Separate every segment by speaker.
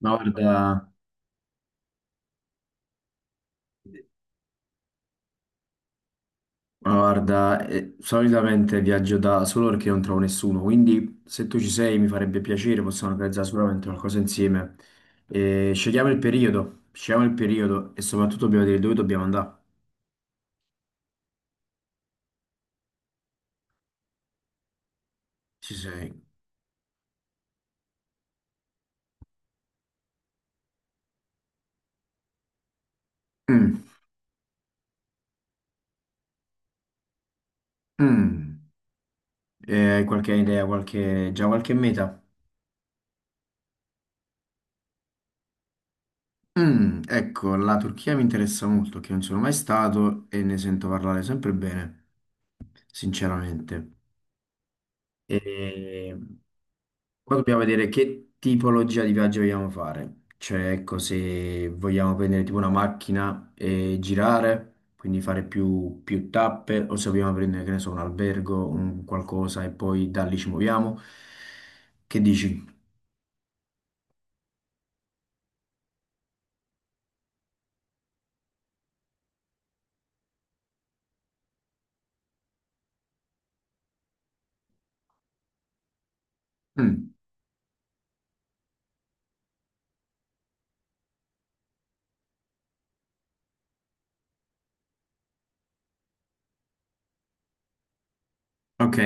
Speaker 1: Ma guarda, Solitamente viaggio da solo perché non trovo nessuno, quindi se tu ci sei mi farebbe piacere, possiamo organizzare sicuramente qualcosa insieme. E scegliamo il periodo e soprattutto dobbiamo dire dove dobbiamo andare. Ci sei. Mm, mm. Hai qualche idea, già qualche meta? Mm, ecco, la Turchia mi interessa molto, che non sono mai stato e ne sento parlare sempre bene, sinceramente. E Poi dobbiamo vedere che tipologia di viaggio vogliamo fare. Cioè, ecco, se vogliamo prendere tipo una macchina e girare, quindi fare più tappe, o se vogliamo prendere, che ne so, un albergo, un qualcosa e poi da lì ci muoviamo. Che dici? Mm, ok,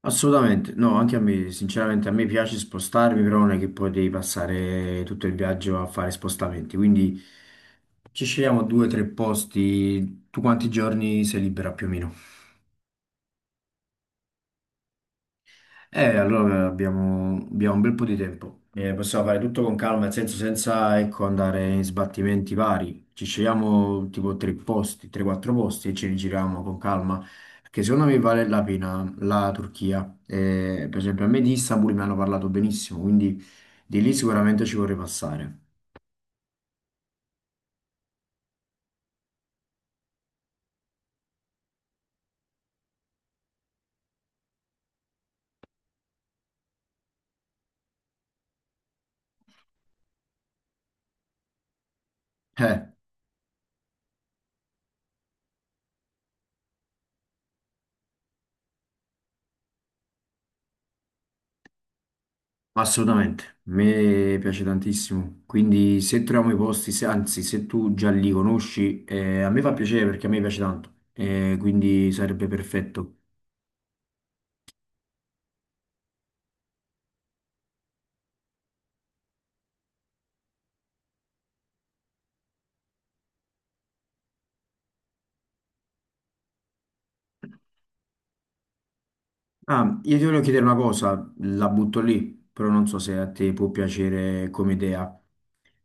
Speaker 1: assolutamente. No, anche a me, sinceramente, a me piace spostarmi, però non è che poi devi passare tutto il viaggio a fare spostamenti. Quindi ci scegliamo due o tre posti. Tu quanti giorni sei libera più o meno? Allora abbiamo un bel po' di tempo. Possiamo fare tutto con calma, nel senso senza, ecco, andare in sbattimenti vari. Ci scegliamo tipo tre posti, 3-4 posti e ce li giriamo con calma. Perché secondo me vale la pena la Turchia. Per esempio, a me di Istanbul mi hanno parlato benissimo, quindi di lì sicuramente ci vorrei passare. Eh, Assolutamente, a me piace tantissimo, quindi se troviamo i posti, anzi se tu già li conosci, a me fa piacere perché a me piace tanto, quindi sarebbe perfetto. Ah, io ti volevo chiedere una cosa, la butto lì, però non so se a te può piacere come idea.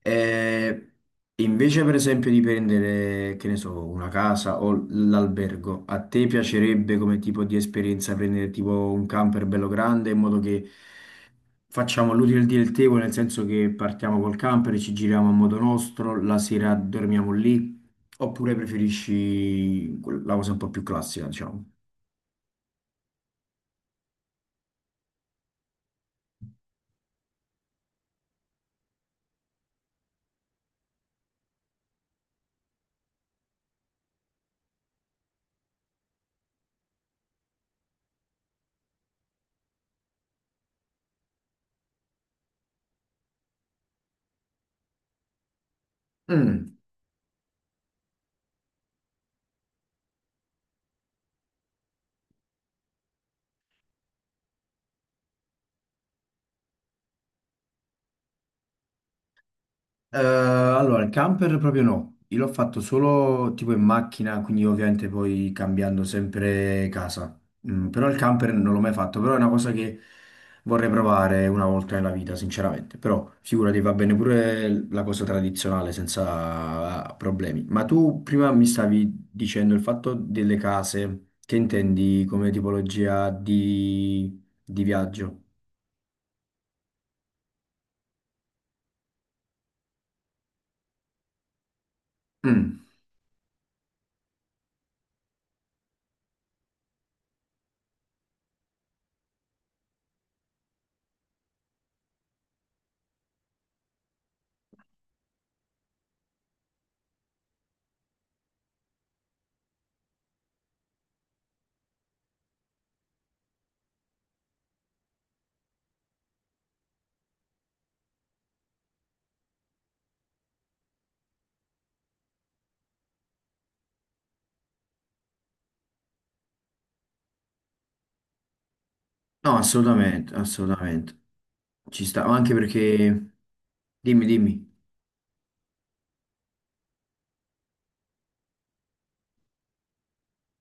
Speaker 1: E invece, per esempio, di prendere, che ne so, una casa o l'albergo, a te piacerebbe come tipo di esperienza prendere tipo un camper bello grande in modo che facciamo l'utile del dilettevole, nel senso che partiamo col camper, ci giriamo a modo nostro, la sera dormiamo lì, oppure preferisci la cosa un po' più classica, diciamo? Mm. Allora, il camper proprio no, io l'ho fatto solo tipo in macchina, quindi ovviamente poi cambiando sempre casa. Mm, però il camper non l'ho mai fatto, però è una cosa che vorrei provare una volta nella vita, sinceramente. Però figurati, va bene pure la cosa tradizionale senza ah, problemi. Ma tu prima mi stavi dicendo il fatto delle case, che intendi come tipologia di viaggio? Mm. No, assolutamente, assolutamente. Ci sta, ma anche perché... Dimmi, dimmi.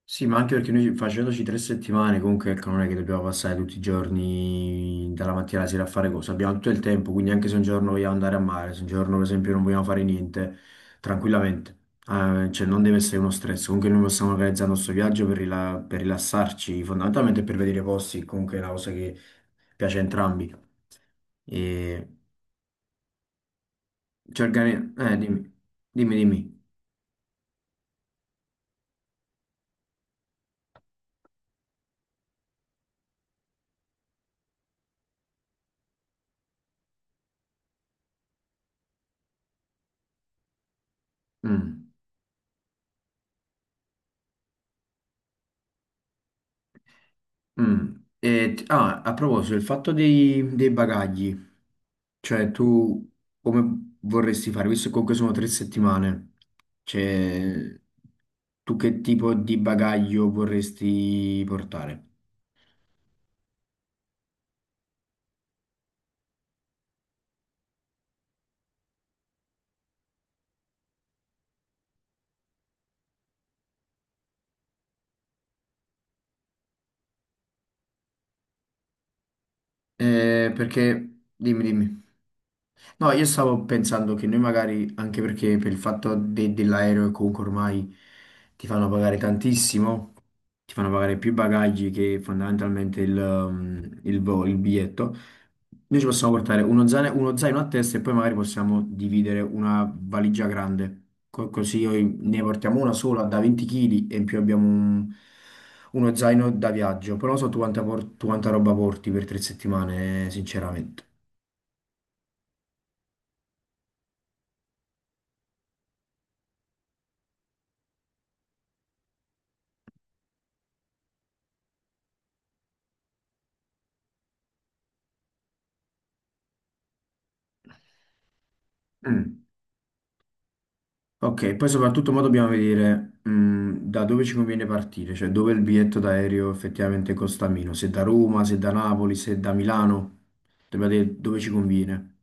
Speaker 1: Sì, ma anche perché noi facendoci tre settimane, comunque ecco, non è che dobbiamo passare tutti i giorni dalla mattina alla sera a fare cose, abbiamo tutto il tempo, quindi anche se un giorno vogliamo andare a mare, se un giorno per esempio non vogliamo fare niente, tranquillamente. Cioè non deve essere uno stress, comunque noi possiamo organizzare il nostro viaggio per, per rilassarci, fondamentalmente per vedere posti, comunque è una cosa che piace a entrambi. E... dimmi, dimmi. Mm, mm. A proposito, il fatto dei bagagli, cioè tu come vorresti fare, visto che comunque sono tre settimane, cioè tu che tipo di bagaglio vorresti portare? Perché, dimmi. No, io stavo pensando che noi magari, anche perché per il fatto dell'aereo che comunque ormai ti fanno pagare tantissimo, ti fanno pagare più bagagli che fondamentalmente il, um, il vo- il biglietto, noi ci possiamo portare uno zaino a testa e poi magari possiamo dividere una valigia grande. Così ne portiamo una sola da 20 kg e in più abbiamo uno zaino da viaggio, però non so tu tu quanta roba porti per tre settimane, sinceramente. Mm. Ok, poi soprattutto mo dobbiamo vedere da dove ci conviene partire, cioè dove il biglietto d'aereo effettivamente costa meno, se da Roma, se da Napoli, se da Milano, dobbiamo vedere dove ci conviene.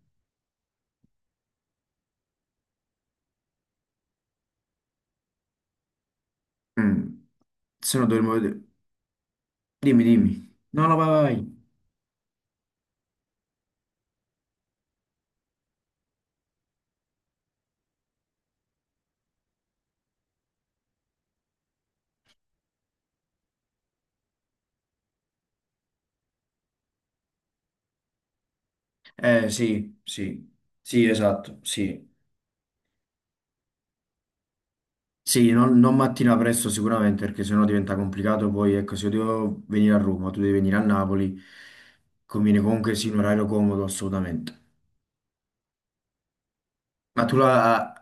Speaker 1: Mm, se no dovremmo vedere... Dimmi, dimmi. No, no, vai, vai. Vai. Sì, sì, sì, esatto, sì. Sì, non mattina presto sicuramente perché sennò diventa complicato, poi ecco, se io devo venire a Roma, tu devi venire a Napoli, conviene comunque sì un orario comodo assolutamente. Ma tu la...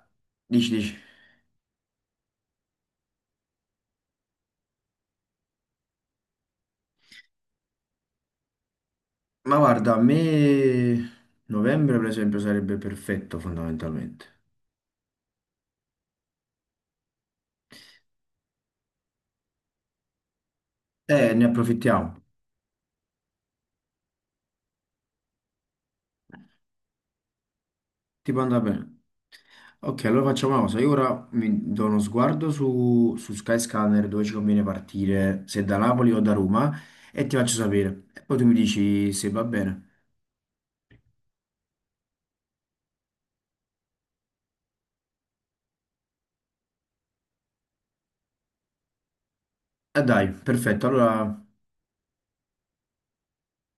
Speaker 1: Dici, dici. Ma guarda, a me novembre per esempio sarebbe perfetto fondamentalmente. Ne approfittiamo. Ti può andare bene. Ok, allora facciamo una cosa. Io ora mi do uno sguardo su Skyscanner dove ci conviene partire, se da Napoli o da Roma, e ti faccio sapere. E poi tu mi dici se va bene. Dai, perfetto. Allora,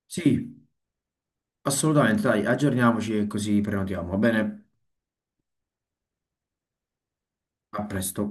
Speaker 1: sì, assolutamente, dai, aggiorniamoci e così prenotiamo. Va bene? A presto.